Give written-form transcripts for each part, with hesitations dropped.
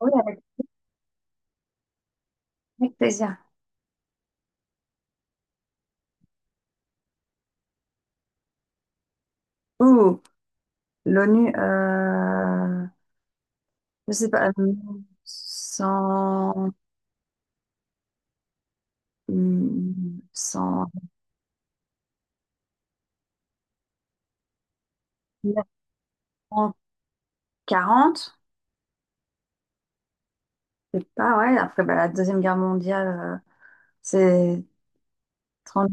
Oui, avec plaisir. Ouh, l'ONU, je sais pas, 100 100, 1940, je sais pas, ouais, après bah, la Deuxième Guerre mondiale, c'est 30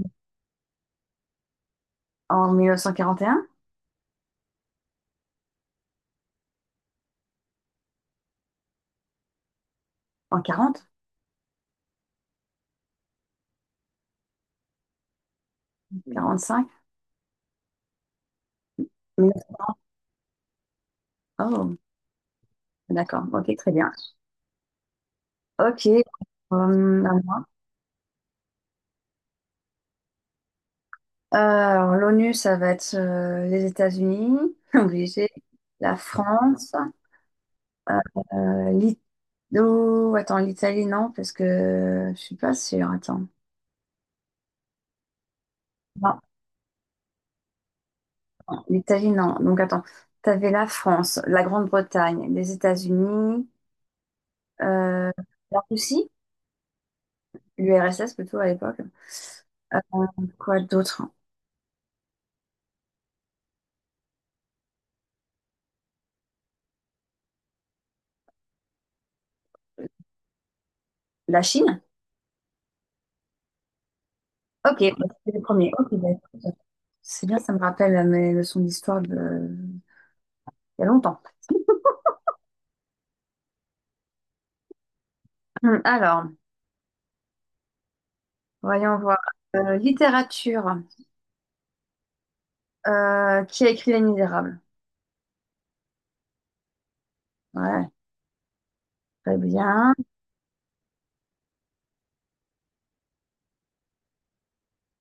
en 1941, en 40, 45, 19 oh, d'accord, ok, très bien. Ok, à moi. Alors, l'ONU, ça va être les États-Unis, obligé, la France. Euh, l'I- oh, attends, l'Italie, non, parce que je suis pas sûre. Attends. Non, non, l'Italie, non. Donc, attends. T'avais la France, la Grande-Bretagne, les États-Unis, euh, la Russie, l'URSS plutôt à l'époque. Euh, quoi d'autre? La Chine? Ok, bah, c'était le premier. Ok, bah, écoute, c'est bien, ça me rappelle mes leçons d'histoire de... il y a longtemps. Alors, voyons voir. Littérature. Qui a écrit Les Misérables? Ouais, très bien.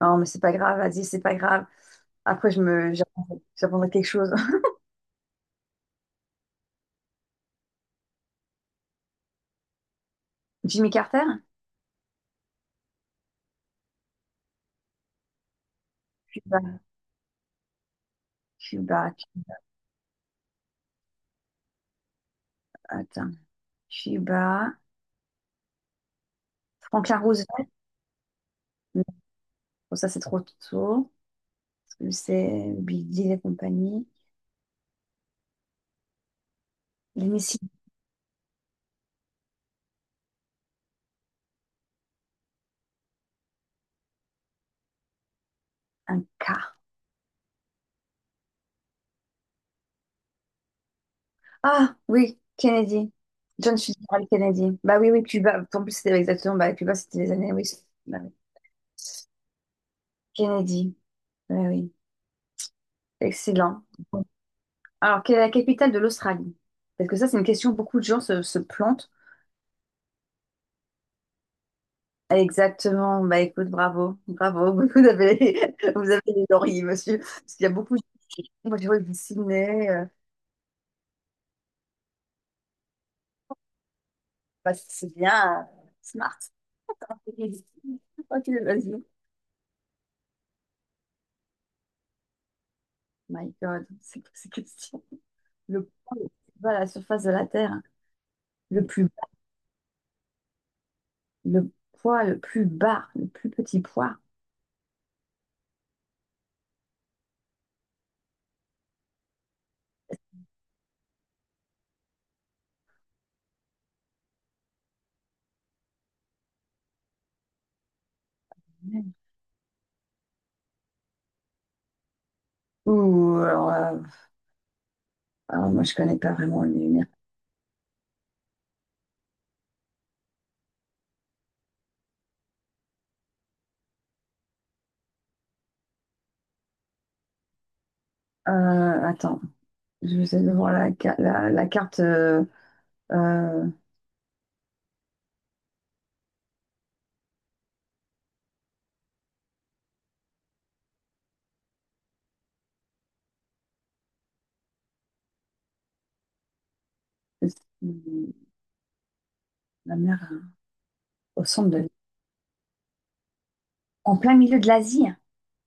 Non, mais c'est pas grave, vas-y, c'est pas grave. Après, j'apprendrai quelque chose. Jimmy Carter? Cuba, Cuba, attends. Cuba. Franklin Roosevelt? Non, bon, ça, c'est trop tôt. Parce que c'est Bill Gates et compagnie. L'hémicycle, un quart. Ah, oui, Kennedy. John Fitzgerald Kennedy. Bah oui, oui, Cuba. En plus, c'était exactement, bah, Cuba, c'était les années, oui. Bah oui. Kennedy. Bah oui. Excellent. Alors, quelle est la capitale de l'Australie? Parce que ça, c'est une question, beaucoup de gens se plantent. Exactement. Bah écoute, bravo, bravo. Vous avez les lauriers, monsieur. Parce qu'il y a beaucoup de. Moi, j'ai vu Sydney. Bah, c'est bien. Smart. Ok, vas-y. My God, c'est quoi ces questions? Le poids le plus bas à la surface de la Terre. Le plus, le poids le plus bas, le plus petit poids. Ouh, alors, moi, je connais pas vraiment le lumière. Euh, Attends, je vais essayer de voir la carte. Euh, la mer au centre de. En plein milieu de l'Asie.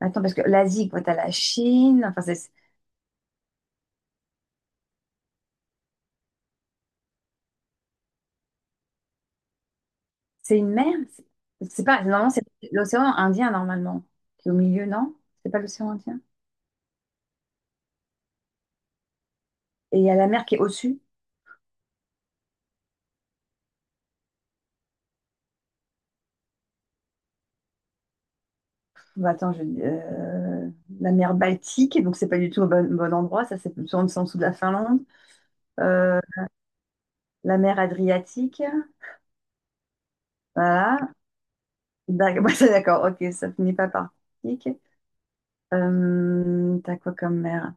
Attends, parce que l'Asie, quoi, t'as la Chine, enfin, c'est une mer. C'est pas, normalement, c'est l'océan Indien, normalement, qui est au milieu, non? C'est pas l'océan Indien? Et il y a la mer qui est au-dessus. Bah, attends, la mer Baltique, donc c'est pas du tout au bon endroit, ça c'est plutôt en dessous de la Finlande. Euh, la mer Adriatique, voilà. Ouais, c'est d'accord, ok, ça finit pas par Baltique. T'as quoi comme mer?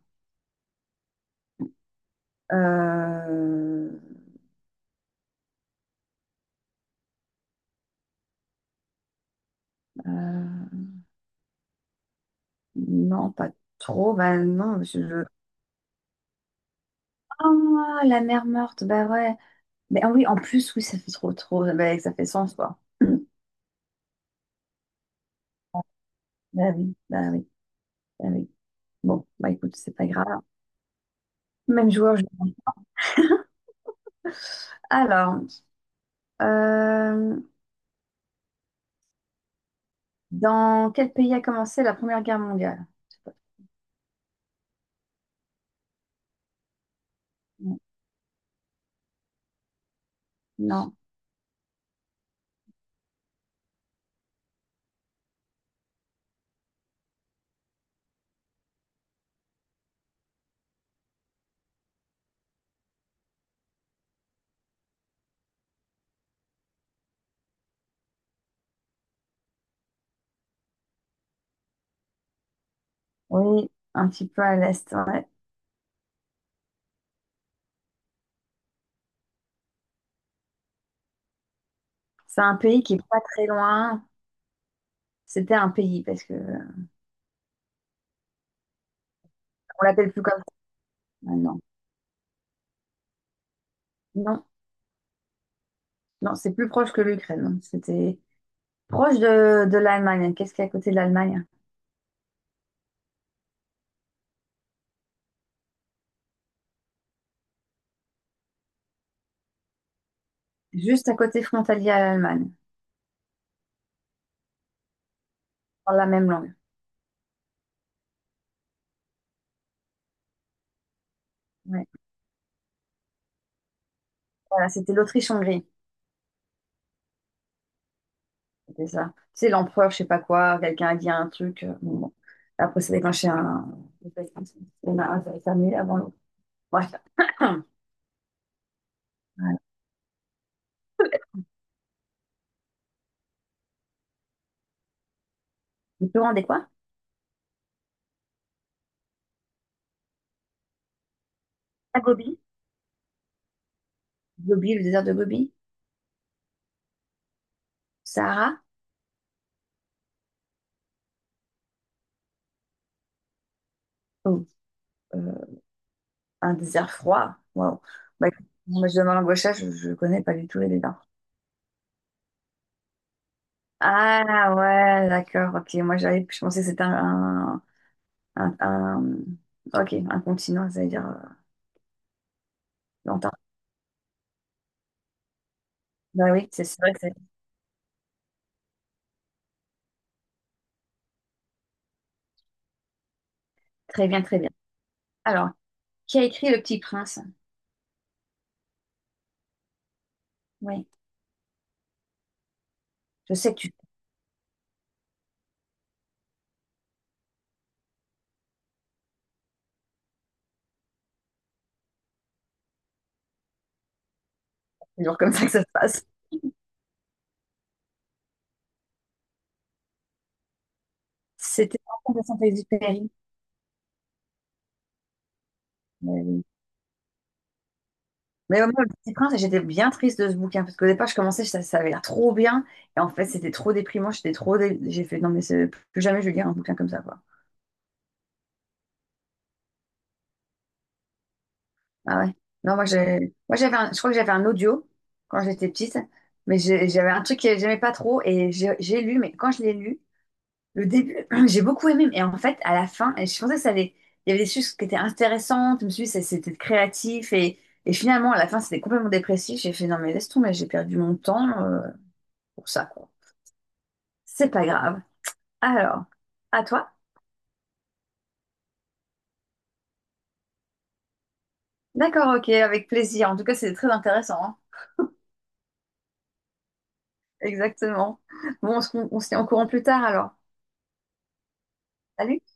Euh, euh, Non, pas trop. Bah non, Ah, la mer morte, bah ouais. Mais ah oui, en plus, oui, ça fait trop, trop. Bah, ça fait sens, quoi. Bah oui, bah oui, bah oui. Bon, bah écoute, c'est pas grave. Même joueur. Alors, euh, dans quel pays a commencé la Première Guerre mondiale? Je sais pas. Non. Non. Oui, un petit peu à l'est, ouais. C'est un pays qui est pas très loin. C'était un pays parce que on l'appelle plus comme ça maintenant. Non, non, c'est plus proche que l'Ukraine. C'était proche de l'Allemagne. Qu'est-ce qu'il y a à côté de l'Allemagne? Juste à côté frontalier à l'Allemagne. Dans la même langue. Ouais. Voilà, c'était l'Autriche-Hongrie. C'était ça. C'est l'empereur, je sais pas quoi. Quelqu'un a dit un truc. Bon, bon. Après, ça déclenché un. Il y en a un qui a terminé avant l'autre. Bref. Voilà. Le plus grand quoi? À Gobi. Gobi, le désert de Gobi. Sahara. Oh, euh, un désert froid. Waouh. Bah, écoute, moi, je demande l'embauchage, je ne connais pas du tout les déserts. Ah ouais, d'accord, ok. Moi, je pensais que c'était un, un- ok, un continent, ça veut dire longtemps. Bah oui, c'est vrai que c'est très bien, très bien. Alors, qui a écrit Le Petit Prince? Oui, je sais que tu c'est toujours comme ça que ça se passe. C'était en de Saint-Exupéry. Mais oui. Mais au moins, Le Petit Prince, j'étais bien triste de ce bouquin parce qu'au départ, je commençais, ça avait l'air trop bien. Et en fait, c'était trop déprimant, j'étais trop. J'ai fait, non, mais plus jamais je vais lire un bouquin comme ça, quoi. Ah ouais. Non, moi, moi, je crois que j'avais un audio quand j'étais petite, mais j'avais un truc que j'aimais pas trop et j'ai lu, mais quand je l'ai lu, le début, j'ai beaucoup aimé. Et en fait, à la fin, et je pensais que ça allait, il y avait des choses qui étaient intéressantes, je me suis dit, c'était créatif et finalement, à la fin, c'était complètement dépressif. J'ai fait, non, mais laisse tomber, j'ai perdu mon temps pour ça, quoi. C'est pas grave. Alors, à toi? D'accord, ok, avec plaisir. En tout cas, c'était très intéressant, hein. Exactement. Bon, on se tient au courant plus tard alors. Salut